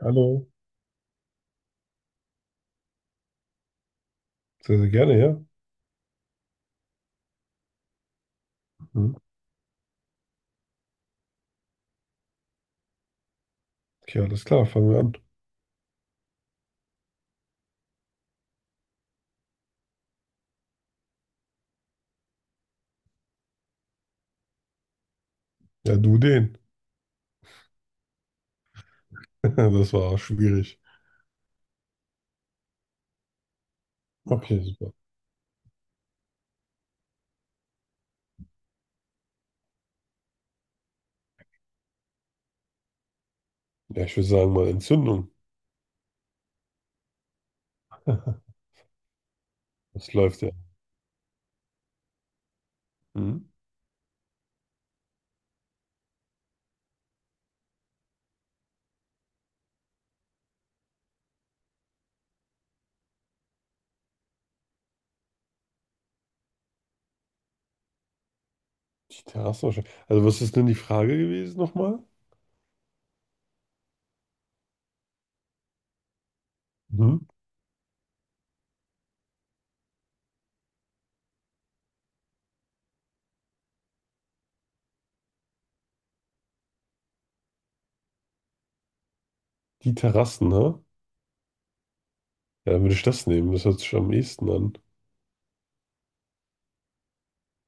Hallo. Sehr, sehr gerne, ja. Mhm. Okay, alles klar, fangen wir an. Ja, du den. Das war schwierig. Okay, super. Ja, ich würde sagen mal Entzündung. Das läuft ja. Mhm. Die Terrassen wahrscheinlich. Also, was ist denn die Frage gewesen nochmal? Mhm. Die Terrassen, ne? Ja, dann würde ich das nehmen. Das hört sich am ehesten an.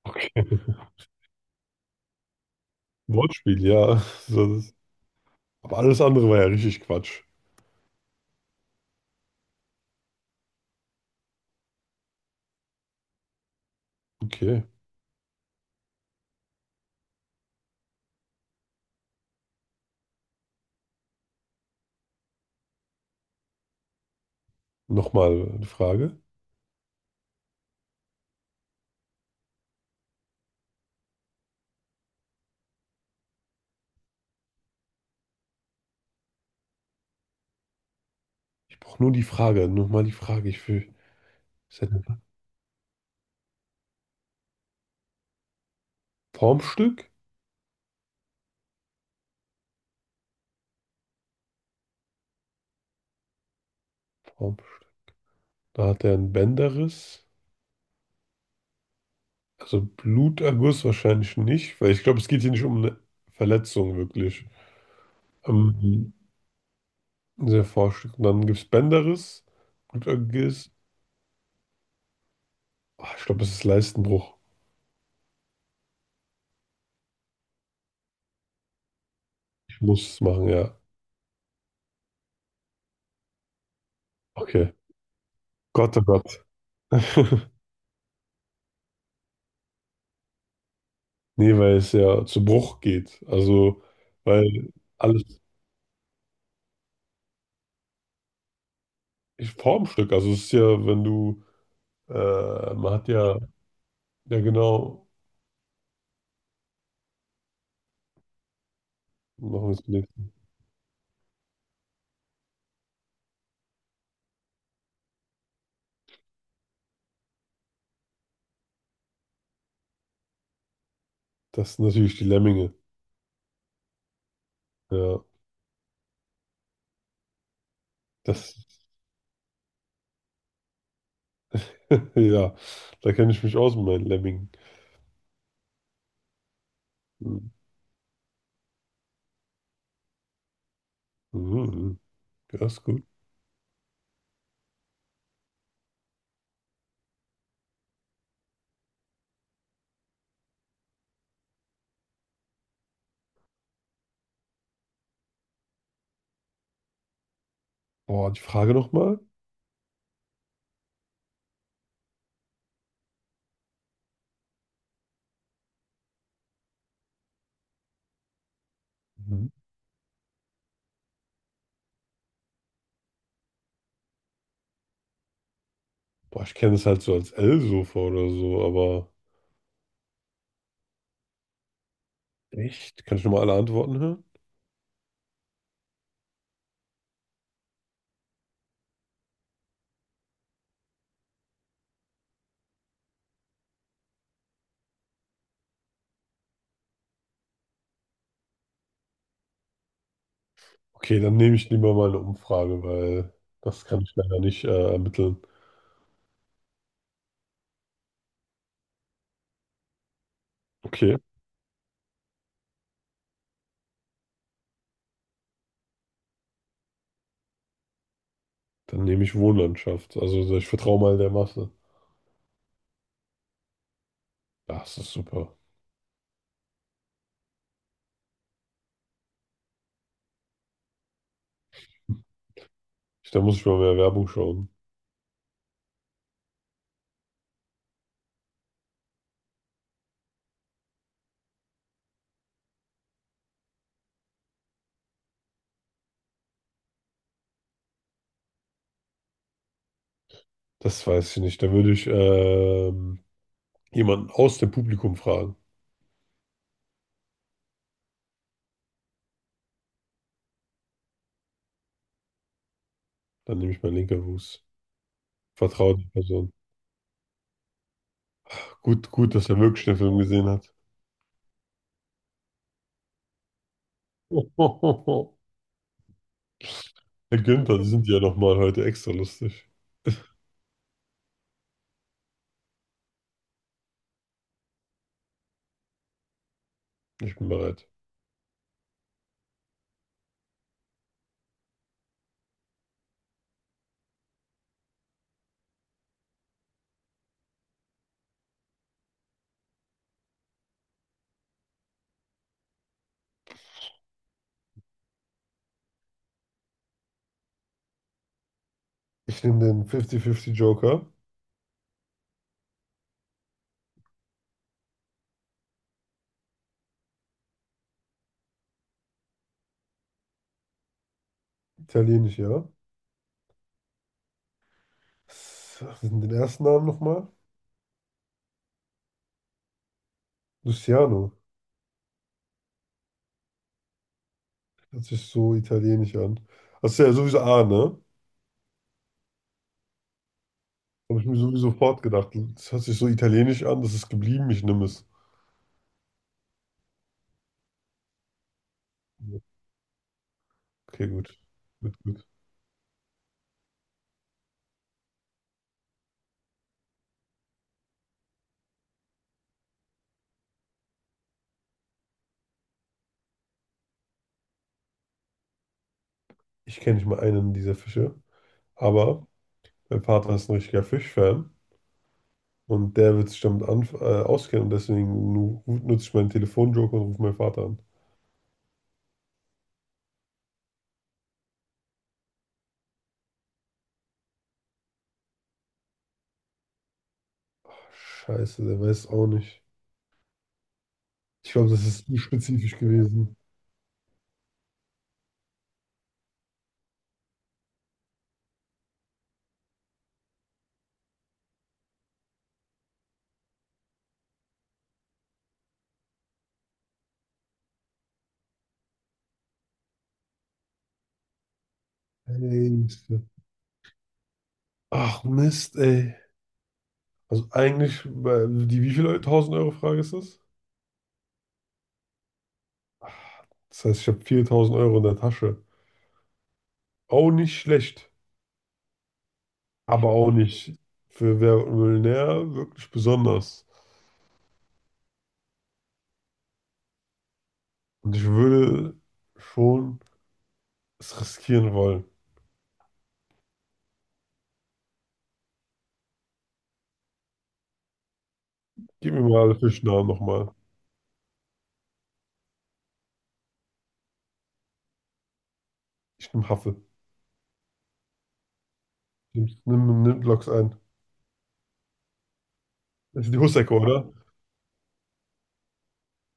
Okay. Wortspiel, ja. So, das, aber alles andere war ja richtig Quatsch. Okay. Nochmal eine Frage. Ich brauche nur die Frage. Nochmal die Frage. Ich will. Ist das ein Formstück? Formstück. Da hat er einen Bänderriss. Also Bluterguss wahrscheinlich nicht, weil ich glaube, es geht hier nicht um eine Verletzung wirklich. Ähm, sehr forscht. Und dann gibt es Bänderriss, Bluterguss. Ah, ich glaube, es ist Leistenbruch. Ich muss es machen, ja. Okay. Gott, oh Gott. Nee, weil es ja zu Bruch geht. Also, weil alles ich, Formstück. Also, es ist ja, wenn du, man hat ja, ja genau, machen wir was gelesen. Das sind natürlich die Lemminge. Ja, das. Ja, da kenne ich mich aus mit meinen Lemmingen. Mhm. Mhm. Das ist gut. Boah, die Frage nochmal. Mhm. Boah, ich kenne es halt so als L-Sofa oder so, aber echt? Kann ich nochmal alle Antworten hören? Okay, dann nehme ich lieber mal eine Umfrage, weil das kann ich leider nicht ermitteln. Okay, dann nehme ich Wohnlandschaft. Also ich vertraue mal der Masse. Ja, das ist super. Da muss ich mal mehr Werbung schauen. Das weiß ich nicht. Da würde ich jemanden aus dem Publikum fragen. Dann nehme ich meinen linker Fuß. Vertraute Person. Gut, gut, dass er wirklich den Film gesehen hat. Herr Günther, Sie sind ja nochmal heute extra lustig. Ich bin bereit. Ich nehme den 50-50 Joker. Italienisch, ja. Was ist denn den ersten Namen nochmal? Luciano. Hört sich so italienisch an. Das ist ja sowieso A, ne? Habe ich mir sowieso fortgedacht. Das hört sich so italienisch an, das ist geblieben, ich nehme es. Okay, gut. Gut, gut. Ich kenne nicht mal einen dieser Fische, aber mein Vater ist ein richtiger Fischfan. Und der wird sich damit an, auskennen und deswegen nu nutze ich meinen Telefonjoker und rufe meinen Vater an. Scheiße, der weiß auch nicht. Ich glaube, das ist zu spezifisch gewesen. Ey, Mist. Ach Mist, ey. Also eigentlich, weil die wie viel 1000 € Frage ist das? Das heißt, ich habe 4000 € in der Tasche. Auch nicht schlecht, aber auch nicht für Wer wird Millionär wirklich besonders. Und ich würde schon es riskieren wollen. Gib mir mal alle Fischnamen nochmal. Ich nehme Haffel. Nimm Loks ein. Das ist die Hussecke, oder?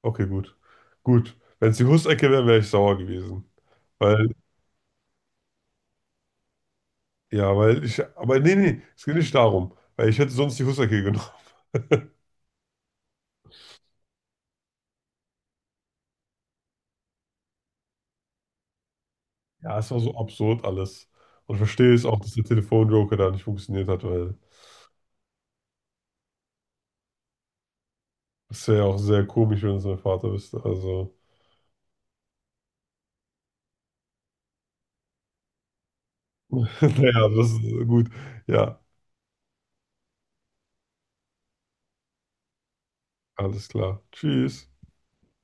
Okay, gut. Gut. Wenn es die Hussecke wäre, wäre ich sauer gewesen. Weil, ja, weil ich, aber nee, es geht nicht darum. Weil ich hätte sonst die Hussecke genommen. Ja, es war so absurd alles. Und ich verstehe es auch, dass der Telefonjoker da nicht funktioniert hat, weil das wäre ja auch sehr komisch, wenn es mein Vater wüsste. Also, naja, das ist gut. Ja, alles klar. Tschüss.